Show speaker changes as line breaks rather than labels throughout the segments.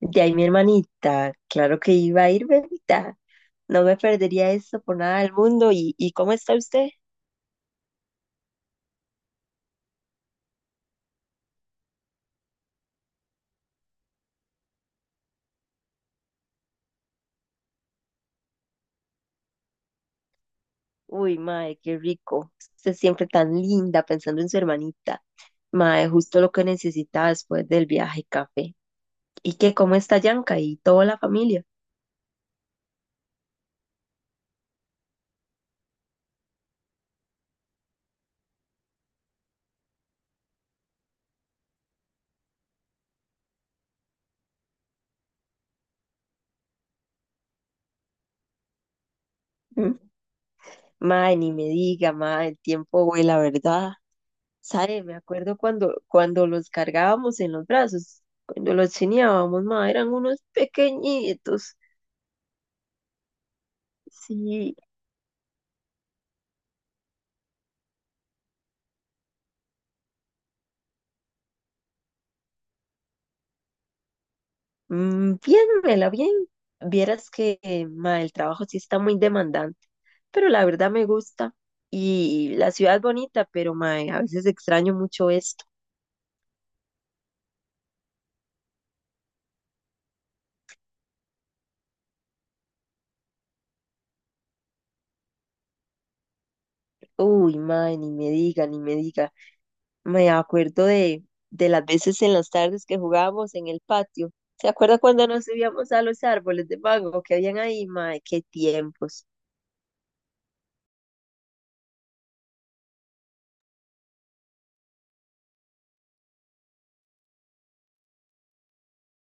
De ahí mi hermanita, claro que iba a ir, bebita. No me perdería eso por nada del mundo. ¿Y cómo está usted? Uy, mae, qué rico. Usted siempre tan linda pensando en su hermanita. Mae, justo lo que necesitaba después del viaje, café. ¿Y qué? ¿Cómo está Yanka y toda la familia? ¿Mm? Mae, ni me diga, mae, el tiempo vuela, ¿verdad? ¿Sabe? Me acuerdo cuando los cargábamos en los brazos, cuando los chineábamos, mae, eran unos pequeñitos. Sí, mm, bien, Mela, bien. Vieras que ma, el trabajo sí está muy demandante, pero la verdad me gusta. Y la ciudad es bonita, pero ma, a veces extraño mucho esto. Uy, ma, ni me diga, ni me diga. Me acuerdo de, de las veces en las tardes que jugábamos en el patio. ¿Se acuerda cuando nos subíamos a los árboles de mango que habían ahí, ma? Qué tiempos.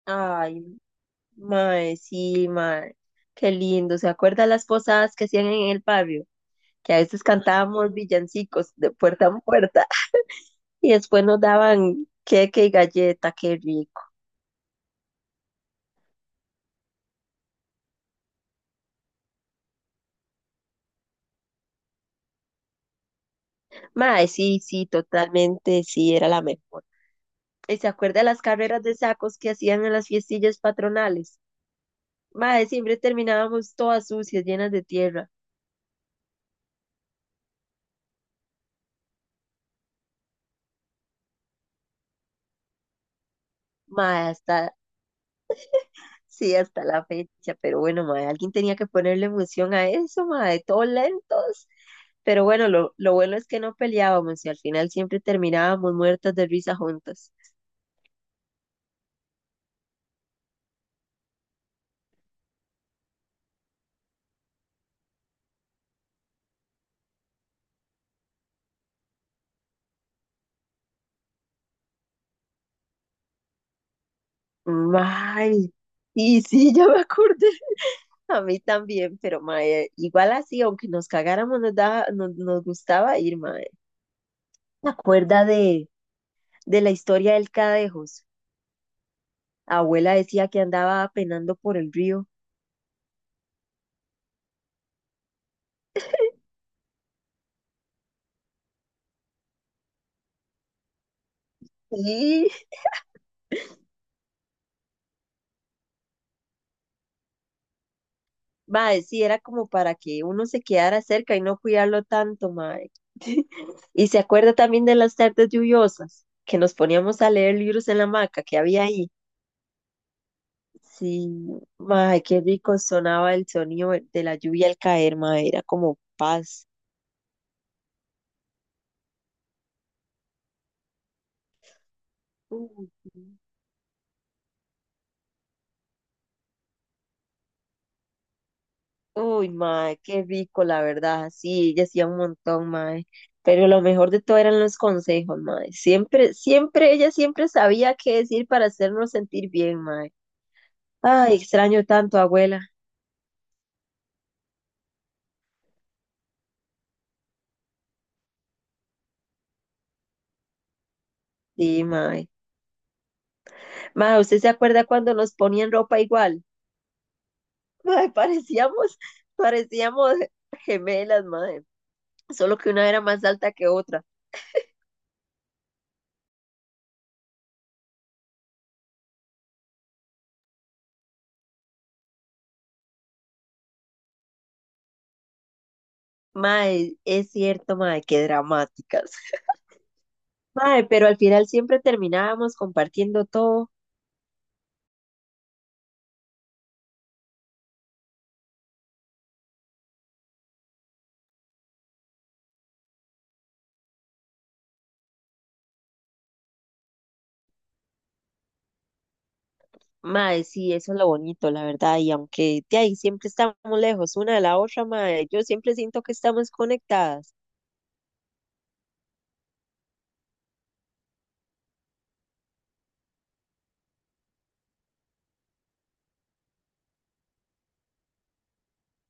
Ay, ma, sí, ma, qué lindo. ¿Se acuerda las posadas que hacían en el barrio? Que a veces cantábamos villancicos de puerta en puerta y después nos daban queque y galleta, qué rico. Mae, sí, sí, totalmente, sí, era la mejor. ¿Y se acuerda de las carreras de sacos que hacían en las fiestillas patronales? Mae, siempre terminábamos todas sucias, llenas de tierra. Mae, hasta, sí, hasta la fecha, pero bueno, mae, alguien tenía que ponerle emoción a eso, mae, todos lentos. Pero bueno, lo bueno es que no peleábamos y al final siempre terminábamos muertas de risa juntas. Mae, y sí, ya me acordé, a mí también, pero mae, igual así, aunque nos cagáramos, nos gustaba ir, mae. ¿Te acuerdas de, ¿De la historia del Cadejos? Abuela decía que andaba penando por el río. Sí, mae, sí, era como para que uno se quedara cerca y no cuidarlo tanto, mae. Y se acuerda también de las tardes lluviosas, que nos poníamos a leer libros en la hamaca que había ahí. Sí, mae, qué rico sonaba el sonido de la lluvia al caer, mae, era como paz. Uy, sí. Uy, mae, qué rico, la verdad. Sí, ella hacía un montón, mae. Pero lo mejor de todo eran los consejos, mae. Siempre, siempre, ella siempre sabía qué decir para hacernos sentir bien, mae. Ay, extraño tanto, abuela. Sí, mae. Mae, ¿usted se acuerda cuando nos ponían ropa igual? Mae, parecíamos gemelas, mae. Solo que una era más alta que otra. Mae, es cierto, mae, qué dramáticas. Mae, pero al final siempre terminábamos compartiendo todo. Mae, sí, eso es lo bonito, la verdad. Y aunque de ahí siempre estamos lejos una de la otra, mae, yo siempre siento que estamos conectadas.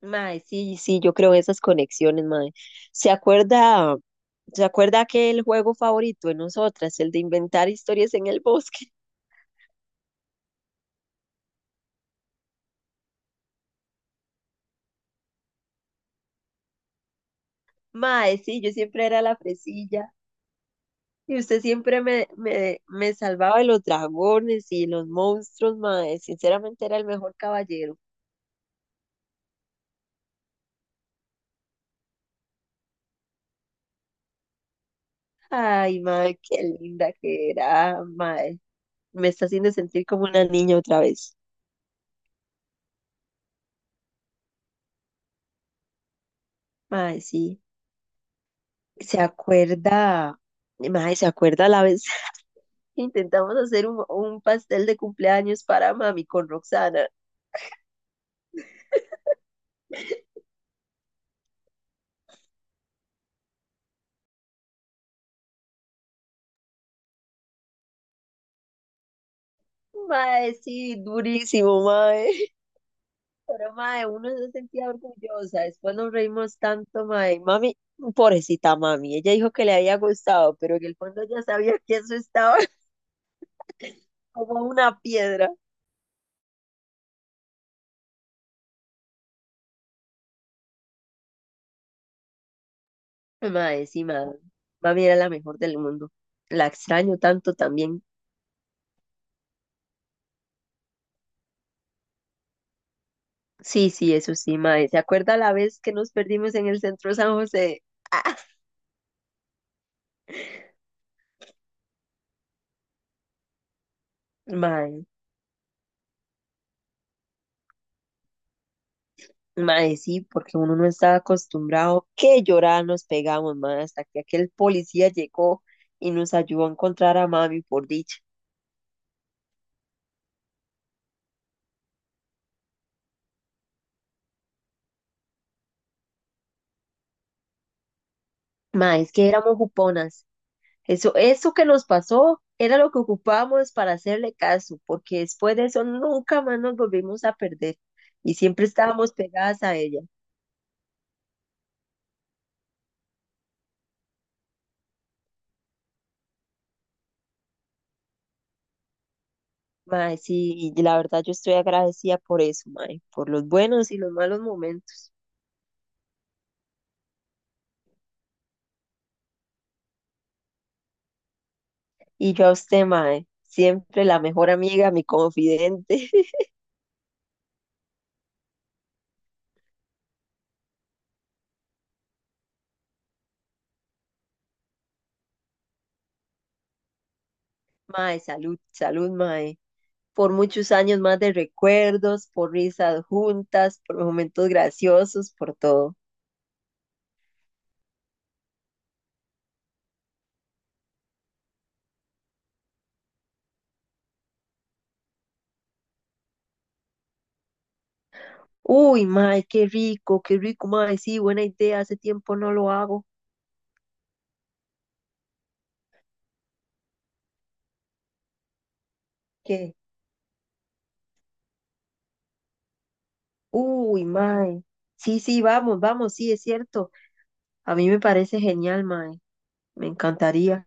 Mae, sí, sí, yo creo en esas conexiones, mae. ¿Se acuerda, ¿Se acuerda que el juego favorito de nosotras, el de inventar historias en el bosque? Mae, sí, yo siempre era la fresilla. Y usted siempre me salvaba de los dragones y los monstruos, mae. Sinceramente era el mejor caballero. Ay, mae, qué linda que era, mae. Me está haciendo sentir como una niña otra vez. Mae, sí. ¿Se acuerda? Mae, ¿se acuerda la vez que intentamos hacer un pastel de cumpleaños para mami con Roxana? Mae, sí, durísimo, mae. Pero, mae, uno se sentía orgullosa. Después nos reímos tanto, mae. Mami, pobrecita mami. Ella dijo que le había gustado, pero en el fondo ya sabía que eso estaba como una piedra. Mae, sí, mae. Mami era la mejor del mundo. La extraño tanto también. Sí, sí, eso sí, mae. ¿Se acuerda la vez que nos perdimos en el centro San José? Ah, mae, mae, sí, porque uno no estaba acostumbrado. Qué llorada nos pegamos, mae, hasta que aquel policía llegó y nos ayudó a encontrar a mami por dicha. Mae, es que éramos juponas. Eso que nos pasó era lo que ocupábamos para hacerle caso, porque después de eso nunca más nos volvimos a perder y siempre estábamos pegadas a ella. Mae, sí, y la verdad yo estoy agradecida por eso, mae, por los buenos y los malos momentos. Y yo a usted, mae, siempre la mejor amiga, mi confidente. Mae, salud, salud, mae. Por muchos años más de recuerdos, por risas juntas, por momentos graciosos, por todo. Uy, mae, qué rico, mae. Sí, buena idea, hace tiempo no lo hago. ¿Qué? Uy, mae. Sí, sí, vamos, vamos, sí, es cierto. A mí me parece genial, mae. Me encantaría.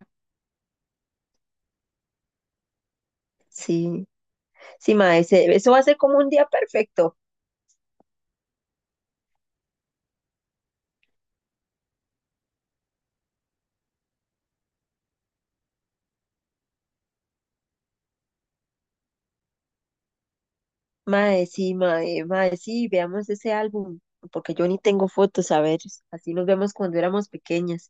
Sí, sí, mae, se- eso va a ser como un día perfecto. Mae, sí, mae, mae, sí, veamos ese álbum, porque yo ni tengo fotos, a ver, así nos vemos cuando éramos pequeñas.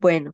Bueno.